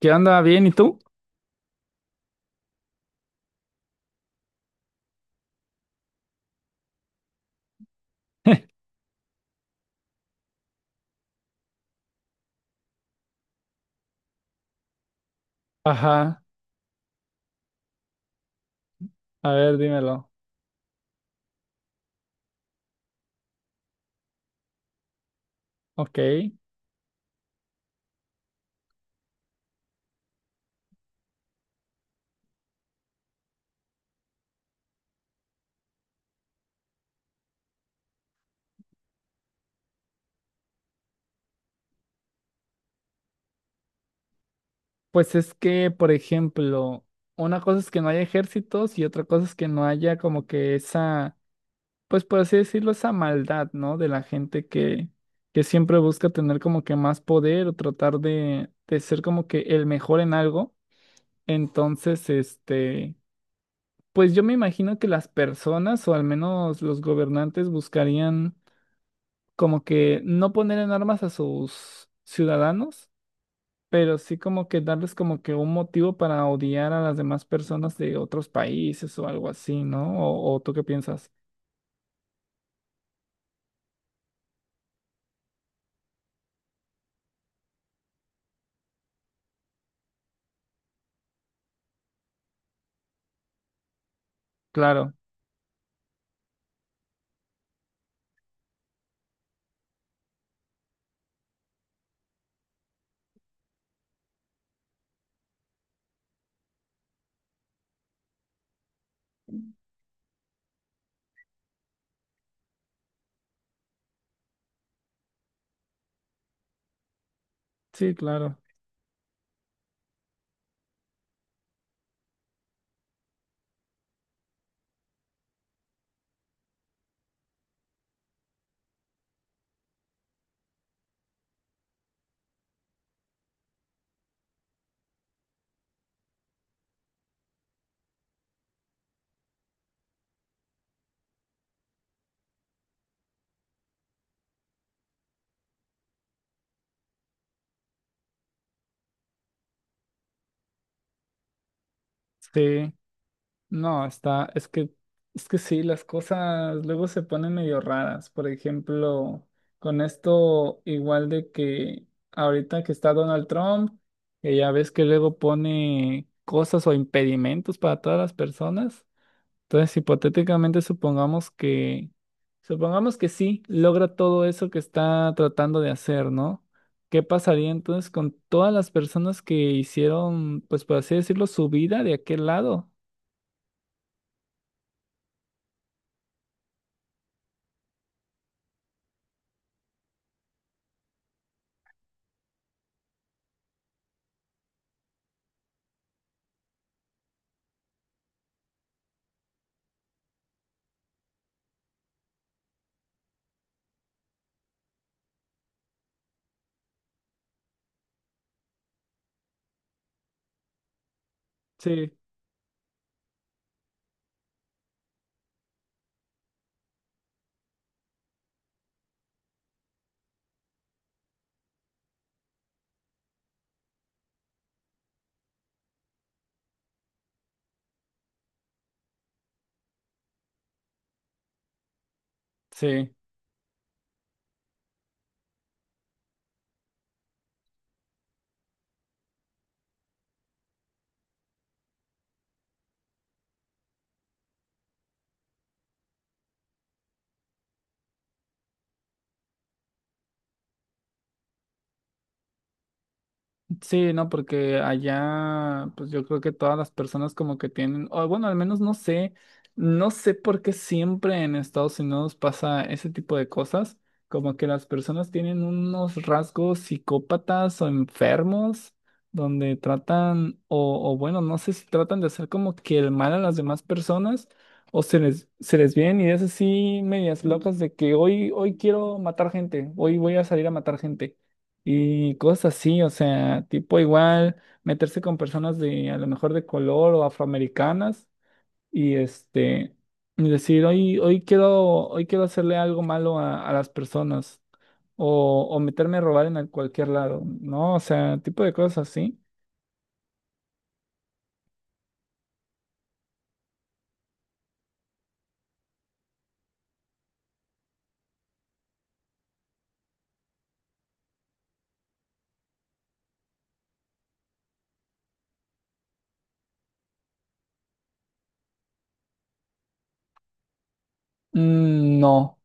¿Qué onda? ¿Bien? ¿Y tú? Ajá, a ver, dímelo. Ok. Pues es que, por ejemplo, una cosa es que no haya ejércitos y otra cosa es que no haya como que esa, pues por así decirlo, esa maldad, ¿no? De la gente que siempre busca tener como que más poder o tratar de ser como que el mejor en algo. Entonces, pues yo me imagino que las personas o al menos los gobernantes buscarían... como que no poner en armas a sus ciudadanos, pero sí como que darles como que un motivo para odiar a las demás personas de otros países o algo así, ¿no? O tú qué piensas? Claro, sí, claro. Sí, no, está, es que sí, las cosas luego se ponen medio raras. Por ejemplo, con esto igual de que ahorita que está Donald Trump, que ya ves que luego pone cosas o impedimentos para todas las personas. Entonces, hipotéticamente supongamos que sí logra todo eso que está tratando de hacer, ¿no? ¿Qué pasaría entonces con todas las personas que hicieron, pues por así decirlo, su vida de aquel lado? Sí, sí. Sí, no, porque allá, pues yo creo que todas las personas como que tienen, o bueno, al menos no sé, no sé por qué siempre en Estados Unidos pasa ese tipo de cosas, como que las personas tienen unos rasgos psicópatas o enfermos, donde tratan, o bueno, no sé si tratan de hacer como que el mal a las demás personas, o se les vienen ideas así medias locas de que hoy, hoy quiero matar gente, hoy voy a salir a matar gente y cosas así, o sea, tipo igual meterse con personas de a lo mejor de color o afroamericanas y este y decir, hoy, hoy quiero hacerle algo malo a las personas o meterme a robar en el- cualquier lado, ¿no? O sea, tipo de cosas así. Mm, no,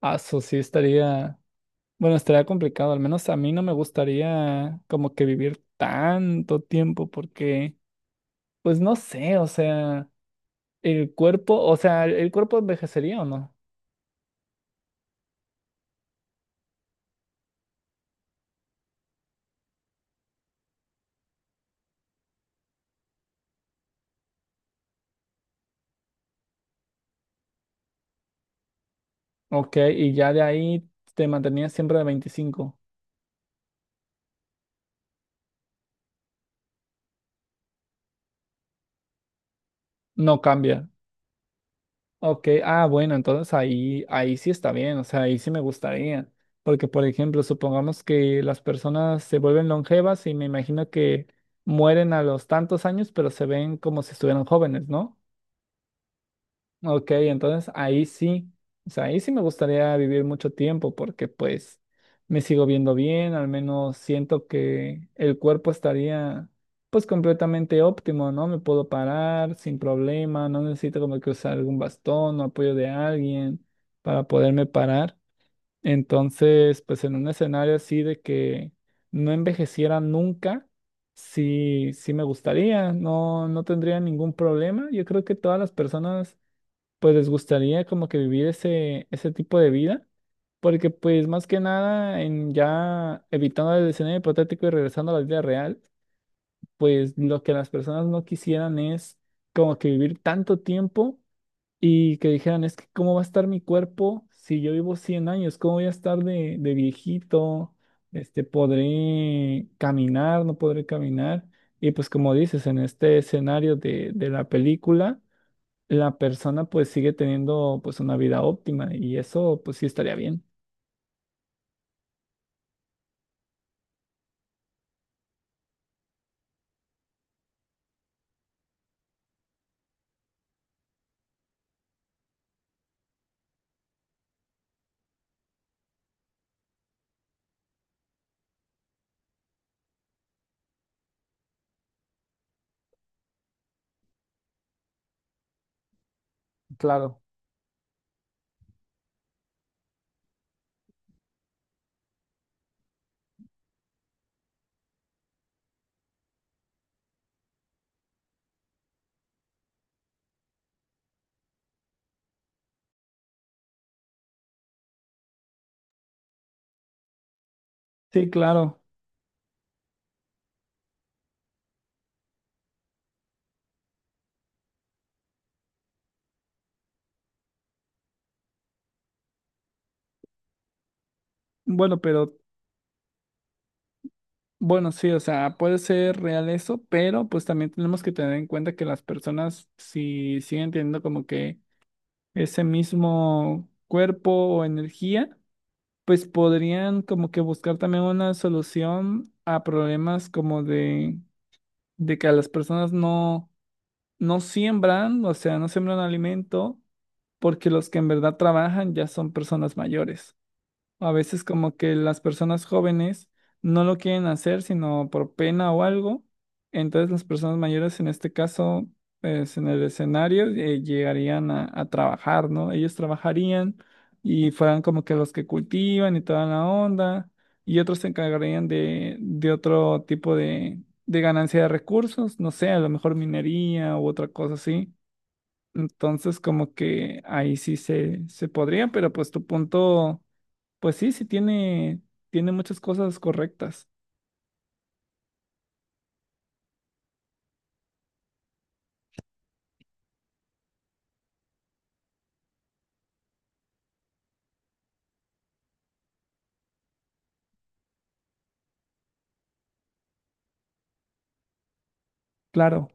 ah, eso sí estaría, bueno, estaría complicado, al menos a mí no me gustaría como que vivir tanto tiempo porque, pues no sé, o sea... El cuerpo, o sea, el cuerpo envejecería o no. Ok, y ya de ahí te mantenías siempre de 25. No cambia. Ok, ah, bueno, entonces ahí, ahí sí está bien, o sea, ahí sí me gustaría. Porque, por ejemplo, supongamos que las personas se vuelven longevas y me imagino que mueren a los tantos años, pero se ven como si estuvieran jóvenes, ¿no? Ok, entonces ahí sí, o sea, ahí sí me gustaría vivir mucho tiempo porque pues me sigo viendo bien, al menos siento que el cuerpo estaría pues completamente óptimo, ¿no? Me puedo parar sin problema, no necesito como que usar algún bastón o apoyo de alguien para poderme parar. Entonces, pues en un escenario así de que no envejeciera nunca. Sí, sí me gustaría, no, no tendría ningún problema. Yo creo que todas las personas pues les gustaría como que vivir ese, ese tipo de vida, porque pues más que nada, en ya evitando el escenario hipotético y regresando a la vida real, pues lo que las personas no quisieran es como que vivir tanto tiempo y que dijeran, es que cómo va a estar mi cuerpo si yo vivo 100 años, cómo voy a estar de viejito, podré caminar, no podré caminar. Y pues como dices, en este escenario de la película la persona pues sigue teniendo pues una vida óptima y eso pues sí estaría bien. Claro. Sí, claro. Bueno, pero bueno, sí, o sea, puede ser real eso, pero pues también tenemos que tener en cuenta que las personas si siguen teniendo como que ese mismo cuerpo o energía, pues podrían como que buscar también una solución a problemas como de que a las personas no, no siembran, o sea, no siembran alimento, porque los que en verdad trabajan ya son personas mayores. A veces como que las personas jóvenes no lo quieren hacer, sino por pena o algo. Entonces las personas mayores, en este caso, pues en el escenario, llegarían a trabajar, ¿no? Ellos trabajarían y fueran como que los que cultivan y toda la onda. Y otros se encargarían de otro tipo de ganancia de recursos, no sé, a lo mejor minería u otra cosa así. Entonces como que ahí sí se podría, pero pues tu punto pues sí, sí tiene, tiene muchas cosas correctas. Claro,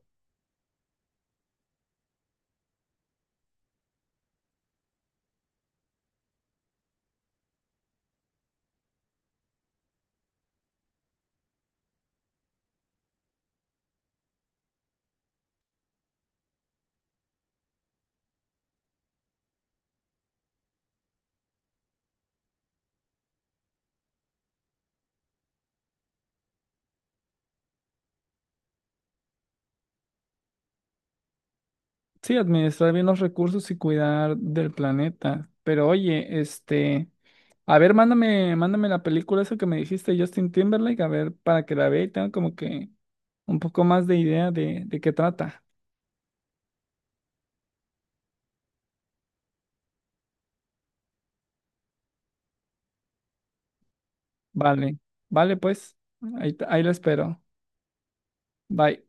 sí, administrar bien los recursos y cuidar del planeta. Pero oye, a ver, mándame, mándame la película esa que me dijiste, Justin Timberlake, a ver, para que la vea y tenga como que un poco más de idea de qué trata. Vale, vale, pues, ahí, ahí la espero. Bye.